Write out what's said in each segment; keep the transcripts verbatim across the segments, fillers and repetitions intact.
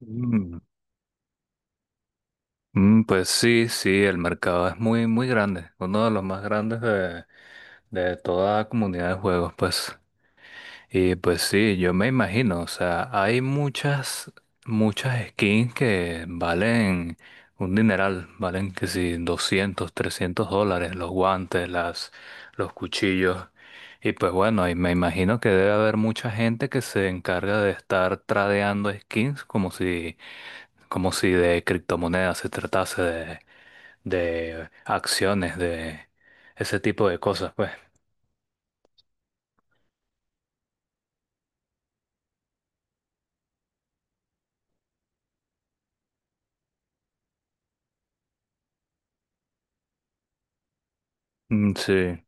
Mm, mm, Pues sí, sí, el mercado es muy, muy grande, uno de los más grandes de, de toda comunidad de juegos, pues. Y pues sí, yo me imagino, o sea, hay muchas, muchas skins que valen un dineral, valen que si doscientos trescientos dólares, los guantes, las, los cuchillos. Y pues bueno, y me imagino que debe haber mucha gente que se encarga de estar tradeando skins como si, como si de criptomonedas se tratase de, de acciones, de ese tipo de cosas, pues. Mm, sí.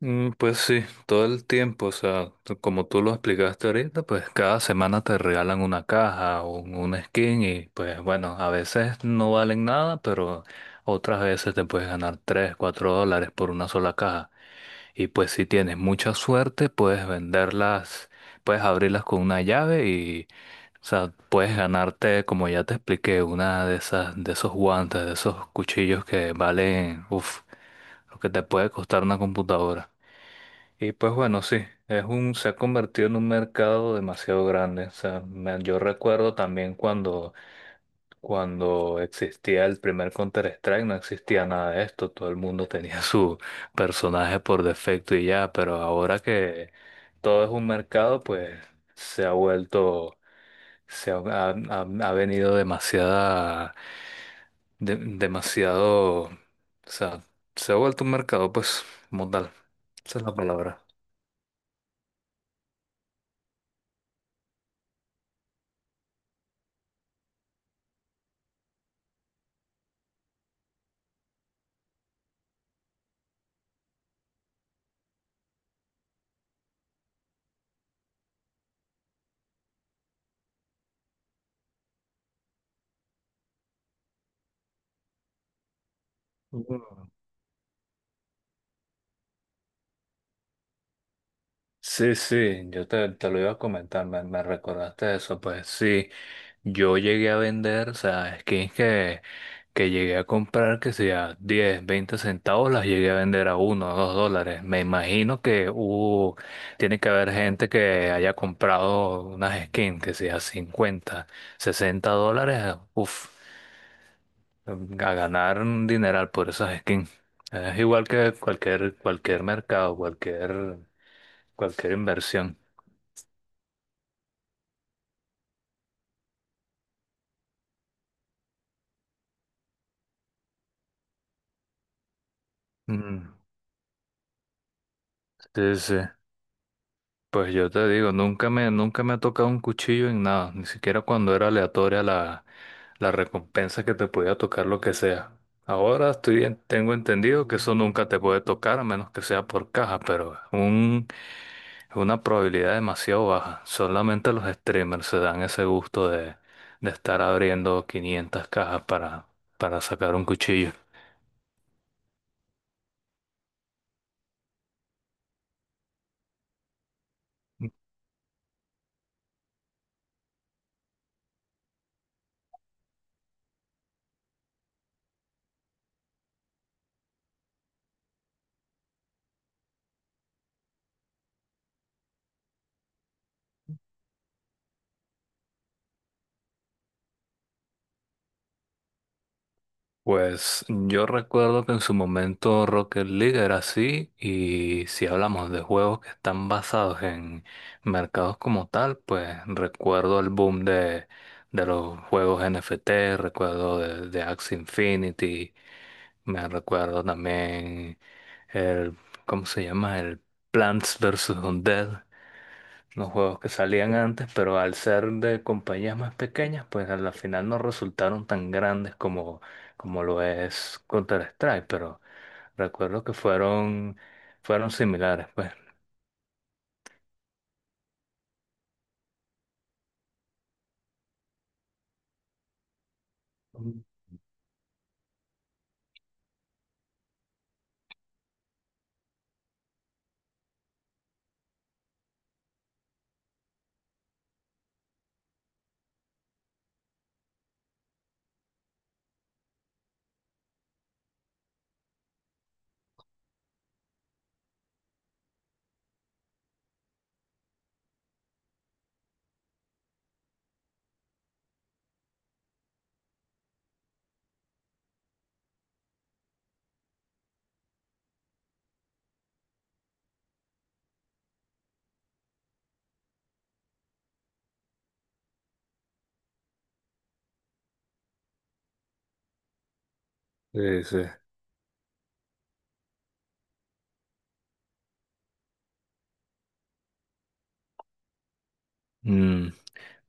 Mm, Pues sí, todo el tiempo, o sea, t- como tú lo explicaste ahorita, pues cada semana te regalan una caja o un un skin y pues bueno, a veces no valen nada, pero otras veces te puedes ganar tres cuatro dólares por una sola caja. Y pues si tienes mucha suerte, puedes venderlas, puedes abrirlas con una llave y, o sea, puedes ganarte, como ya te expliqué, una de esas, de esos guantes, de esos cuchillos que valen, uff, lo que te puede costar una computadora. Y pues bueno, sí, es un, se ha convertido en un mercado demasiado grande. O sea, me- yo recuerdo también cuando, cuando existía el primer Counter-Strike, no existía nada de esto, todo el mundo tenía su personaje por defecto y ya, pero ahora que todo es un mercado, pues se ha vuelto, se ha, ha- ha- ha venido demasiada, de- demasiado, o sea, se ha vuelto un mercado, pues, como tal, esa es la palabra. Sí, sí, yo te, te lo iba a comentar, me, me recordaste eso, pues sí, yo llegué a vender, o sea, skins que, que llegué a comprar, que sea diez, veinte centavos, las llegué a vender a uno, o dos dólares. Me imagino que hubo, tiene que haber gente que haya comprado unas skins, que sea cincuenta, sesenta dólares, uff, a ganar un dineral por esas skins. Es igual que cualquier, cualquier mercado, cualquier, cualquier inversión. Mm. Sí, sí. Pues yo te digo, nunca me, nunca me ha tocado un cuchillo en nada, ni siquiera cuando era aleatoria la, la recompensa que te podía tocar lo que sea. Ahora estoy, en- tengo entendido que eso nunca te puede tocar a menos que sea por caja, pero un, es una probabilidad demasiado baja. Solamente los streamers se dan ese gusto de, de, estar abriendo quinientas cajas para, para sacar un cuchillo. Pues yo recuerdo que en su momento Rocket League era así y si hablamos de juegos que están basados en mercados como tal, pues recuerdo el boom de, de los juegos N F T, recuerdo de, de Axie Infinity, me recuerdo también el, ¿cómo se llama? El Plants versus. Undead los juegos que salían antes, pero al ser de compañías más pequeñas, pues a la final no resultaron tan grandes como, como lo es Counter-Strike, pero recuerdo que fueron, fueron similares, pues. Sí, sí. Mm,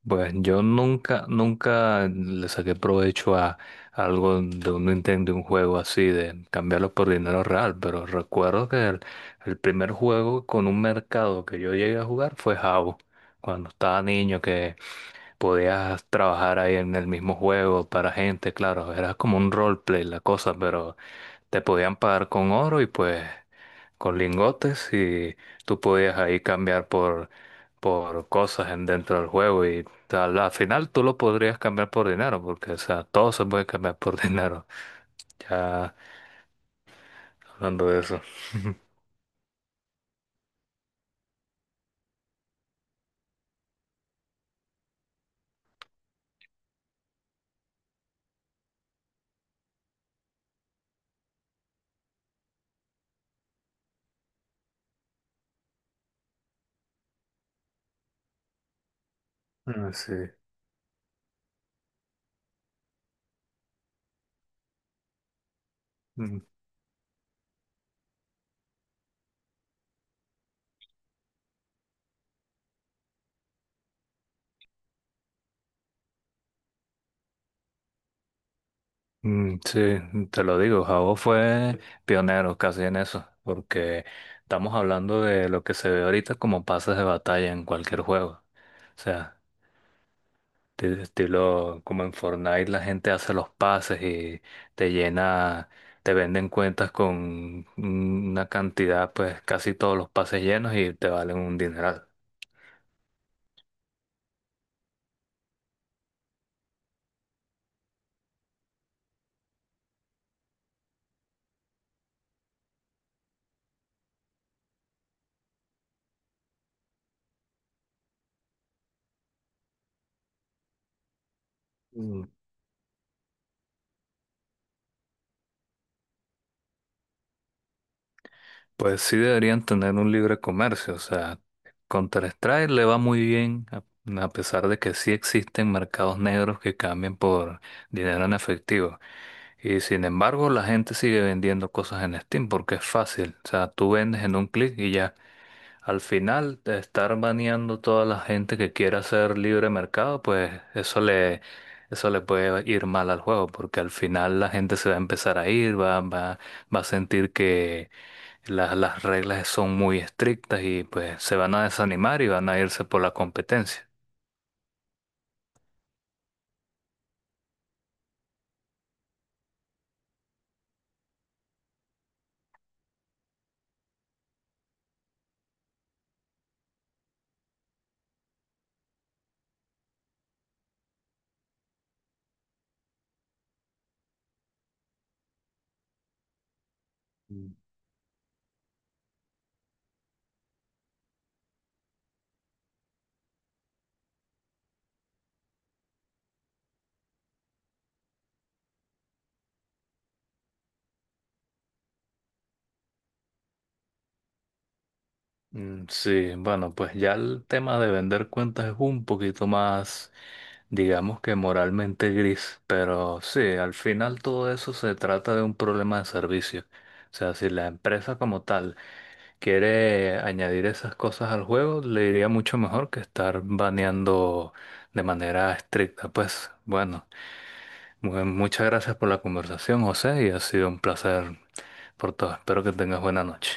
pues yo nunca, nunca le saqué provecho a algo de un Nintendo, de un juego así, de cambiarlo por dinero real, pero recuerdo que el, el primer juego con un mercado que yo llegué a jugar fue Habbo, cuando estaba niño. Podías trabajar ahí en el mismo juego para gente, claro, era como un roleplay la cosa, pero te podían pagar con oro y pues con lingotes y tú podías ahí cambiar por, por cosas en dentro del juego y tal. Al final tú lo podrías cambiar por dinero, porque o sea, todo se puede cambiar por dinero. Ya hablando de eso. Ah, sí. Mm, Sí, te lo digo, Jabo fue pionero casi en eso, porque estamos hablando de lo que se ve ahorita como pases de batalla en cualquier juego. O sea, de- estilo como en Fortnite la gente hace los pases y te llena, te venden cuentas con una cantidad, pues casi todos los pases llenos y te valen un dineral. Pues sí deberían tener un libre comercio, o sea, Counter-Strike le va muy bien, a, a pesar de que sí existen mercados negros que cambian por dinero en efectivo. Y sin embargo, la gente sigue vendiendo cosas en Steam porque es fácil, o sea, tú vendes en un clic y ya. Al final, de estar baneando toda la gente que quiera hacer libre mercado, pues eso le, eso le puede ir mal al juego, porque al final la gente se va a empezar a ir, va, va, va a sentir que la- las reglas son muy estrictas y pues se van a desanimar y van a irse por la competencia. Mm. Mm, Sí, bueno, pues ya el tema de vender cuentas es un poquito más, digamos que moralmente gris, pero sí, al final todo eso se trata de un problema de servicio. O sea, si la empresa como tal quiere añadir esas cosas al juego, le iría mucho mejor que estar baneando de manera estricta. Pues bueno, Mu- muchas gracias por la conversación, José, y ha sido un placer por todo. Espero que tengas buena noche.